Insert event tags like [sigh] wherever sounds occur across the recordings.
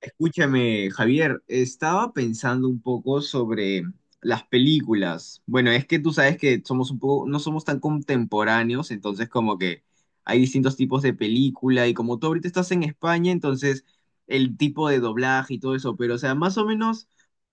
Escúchame, Javier, estaba pensando un poco sobre las películas. Bueno, es que tú sabes que somos un poco, no somos tan contemporáneos, entonces como que hay distintos tipos de película y como tú ahorita estás en España, entonces el tipo de doblaje y todo eso, pero o sea, más o menos,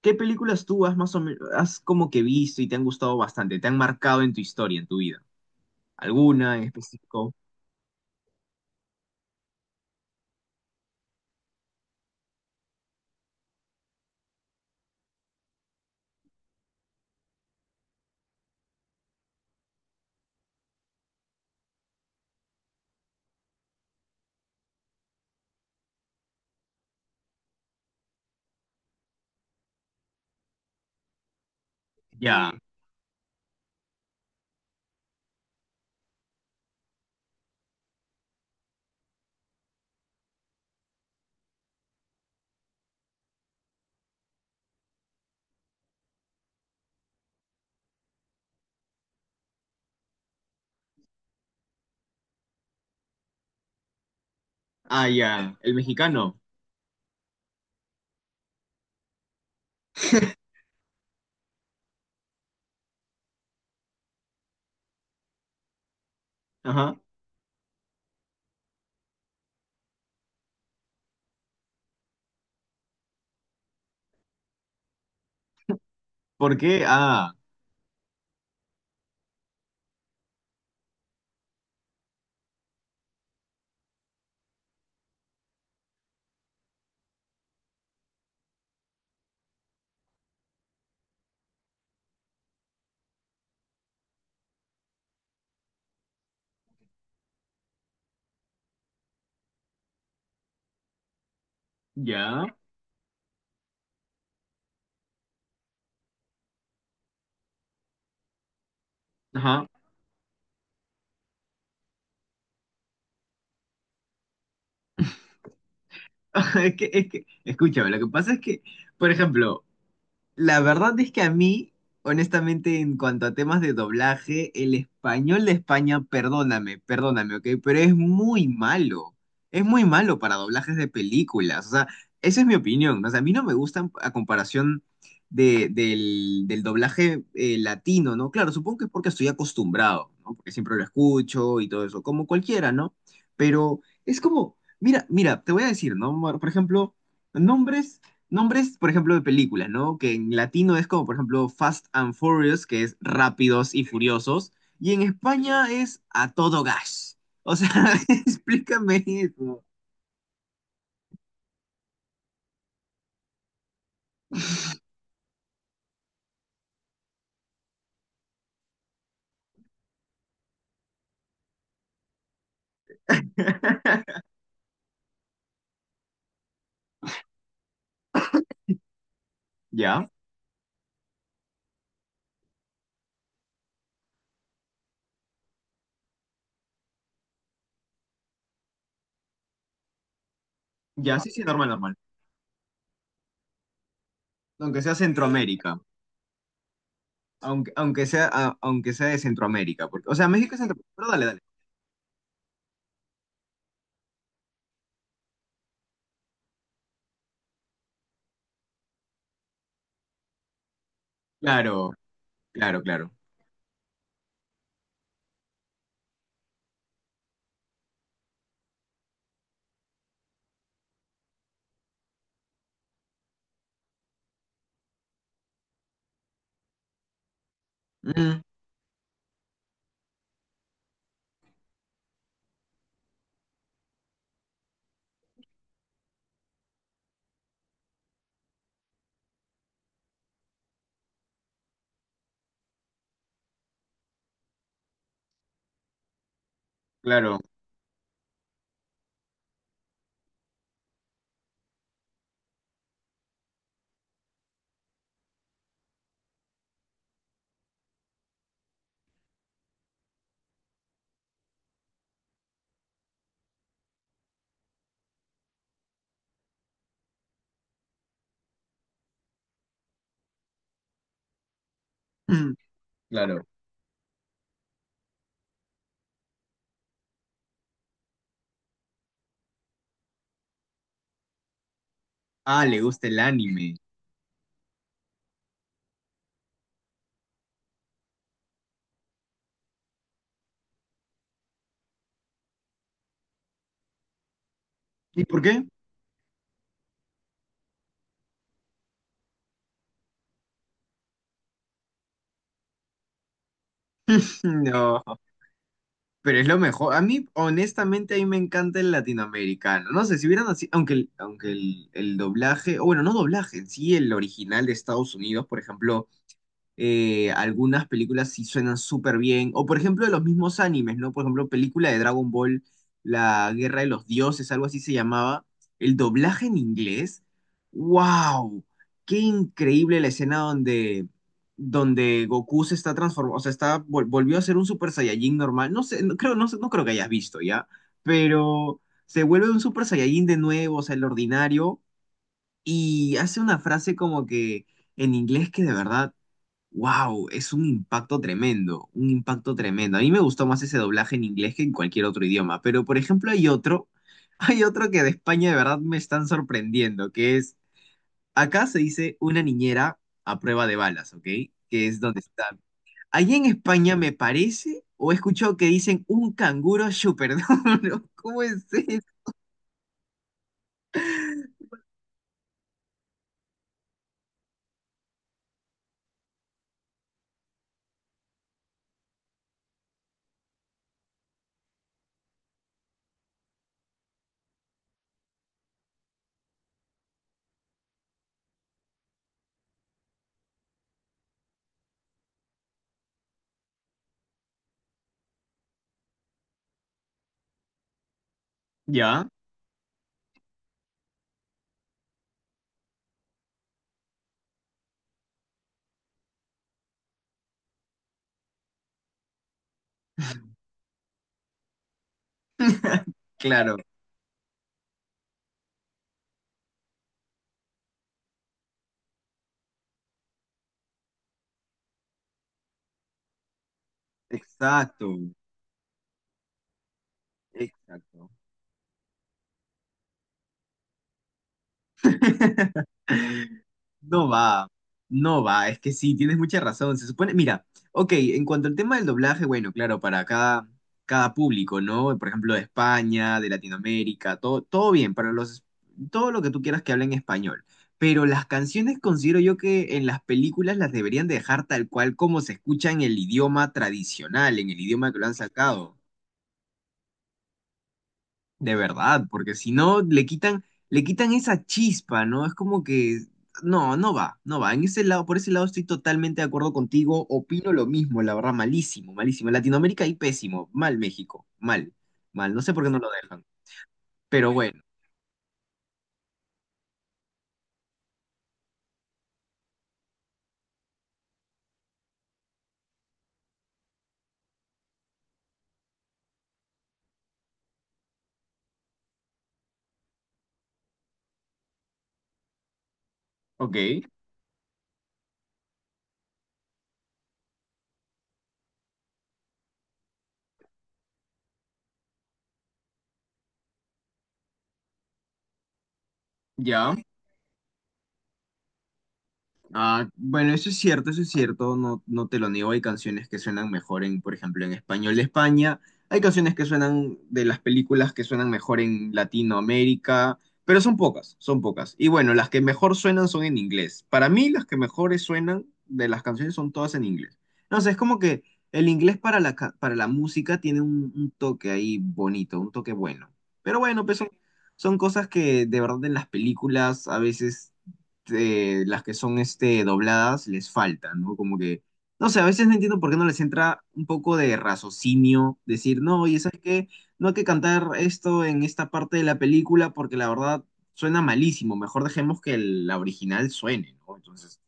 ¿qué películas tú has más o menos, has como que visto y te han gustado bastante, te han marcado en tu historia, en tu vida? ¿Alguna en específico? Ya. Ah, ya. El mexicano. Ajá. ¿Por qué? Ah, ya. Ajá. [laughs] Es que, escúchame, lo que pasa es que, por ejemplo, la verdad es que a mí, honestamente, en cuanto a temas de doblaje, el español de España, perdóname, ¿ok? Pero es muy malo. Es muy malo para doblajes de películas. O sea, esa es mi opinión, ¿no? O sea, a mí no me gustan a comparación del doblaje latino, ¿no? Claro, supongo que es porque estoy acostumbrado, ¿no? Porque siempre lo escucho y todo eso, como cualquiera, ¿no? Pero es como, mira, mira, te voy a decir, ¿no? Por ejemplo, nombres nombres, por ejemplo, de películas, ¿no? Que en latino es como, por ejemplo, Fast and Furious, que es Rápidos y Furiosos, y en España es A todo gas. O sea, [laughs] explícame eso. Ya, ya, sí, sí, normal, normal. Aunque sea Centroamérica, aunque sea, aunque sea de Centroamérica, porque, o sea, México es Centroamérica, pero dale, dale. Claro, claro, claro. Mm, claro, mm, claro. Ah, le gusta el anime. ¿Y por qué? [clears throat] [laughs] No. Pero es lo mejor. A mí, honestamente, a mí me encanta el latinoamericano. No sé, si hubieran así, aunque, el doblaje, o bueno, no doblaje, en sí, el original de Estados Unidos, por ejemplo, algunas películas sí suenan súper bien. O por ejemplo, de los mismos animes, ¿no? Por ejemplo, película de Dragon Ball, La Guerra de los Dioses, algo así se llamaba. El doblaje en inglés. ¡Wow! ¡Qué increíble la escena donde, donde Goku se está transformando! O sea, está, volvió a ser un Super Saiyajin normal. No sé, no creo que hayas visto ya, pero se vuelve un Super Saiyajin de nuevo, o sea, el ordinario. Y hace una frase como que en inglés que de verdad wow, es un impacto tremendo, un impacto tremendo. A mí me gustó más ese doblaje en inglés que en cualquier otro idioma, pero por ejemplo hay otro, [laughs] hay otro que de España de verdad me están sorprendiendo, que es, acá se dice una niñera a prueba de balas, ¿ok? Que es donde está. Allí en España me parece, o he escuchado que dicen un canguro súper duro. [laughs] ¿Cómo es eso? Ya, claro, exacto, exacto. [laughs] No va, no va, es que sí, tienes mucha razón. Se supone, mira, ok, en cuanto al tema del doblaje, bueno, claro, para cada, cada público, ¿no? Por ejemplo, de España, de Latinoamérica, todo, todo bien, para los, todo lo que tú quieras que hablen español. Pero las canciones considero yo que en las películas las deberían dejar tal cual como se escucha en el idioma tradicional, en el idioma que lo han sacado. De verdad, porque si no le quitan, le quitan esa chispa, ¿no? Es como que no, no va, no va. En ese lado, por ese lado estoy totalmente de acuerdo contigo. Opino lo mismo, la verdad, malísimo, malísimo. Latinoamérica y pésimo, mal México, mal, mal. No sé por qué no lo dejan. Pero bueno, ok, ya. Ah, bueno, eso es cierto, no, no te lo niego, hay canciones que suenan mejor en, por ejemplo, en español de España, hay canciones que suenan de las películas que suenan mejor en Latinoamérica, pero son pocas, son pocas. Y bueno, las que mejor suenan son en inglés. Para mí, las que mejores suenan de las canciones son todas en inglés. No sé, es como que el inglés para la, para la música tiene un toque ahí bonito, un toque bueno. Pero bueno, pues son, son cosas que de verdad en las películas a veces las que son este, dobladas les faltan, ¿no? Como que, no sé, a veces no entiendo por qué no les entra un poco de raciocinio, decir, no, oye, ¿sabes qué? No hay que cantar esto en esta parte de la película porque la verdad suena malísimo, mejor dejemos que la original suene, ¿no? Entonces,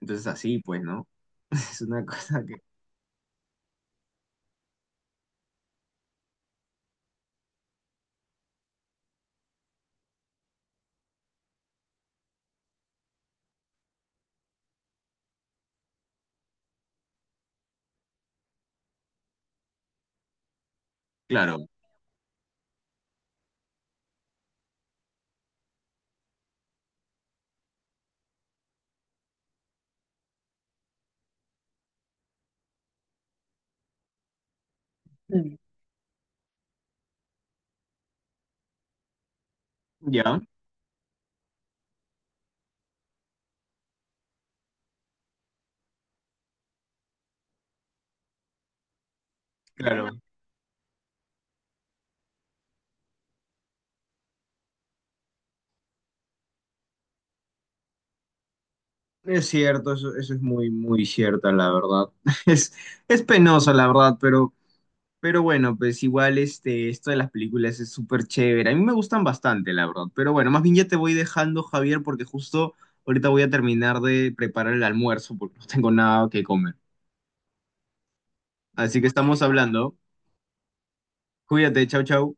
entonces así, pues, ¿no? [laughs] Es una cosa que, claro, mm, ya, claro. Es cierto, eso es muy, muy cierta, la verdad. [laughs] Es, es penoso, la verdad, pero... Pero bueno, pues igual este, esto de las películas es súper chévere. A mí me gustan bastante, la verdad. Pero bueno, más bien ya te voy dejando, Javier, porque justo ahorita voy a terminar de preparar el almuerzo porque no tengo nada que comer. Así que estamos hablando. Cuídate, chau, chau.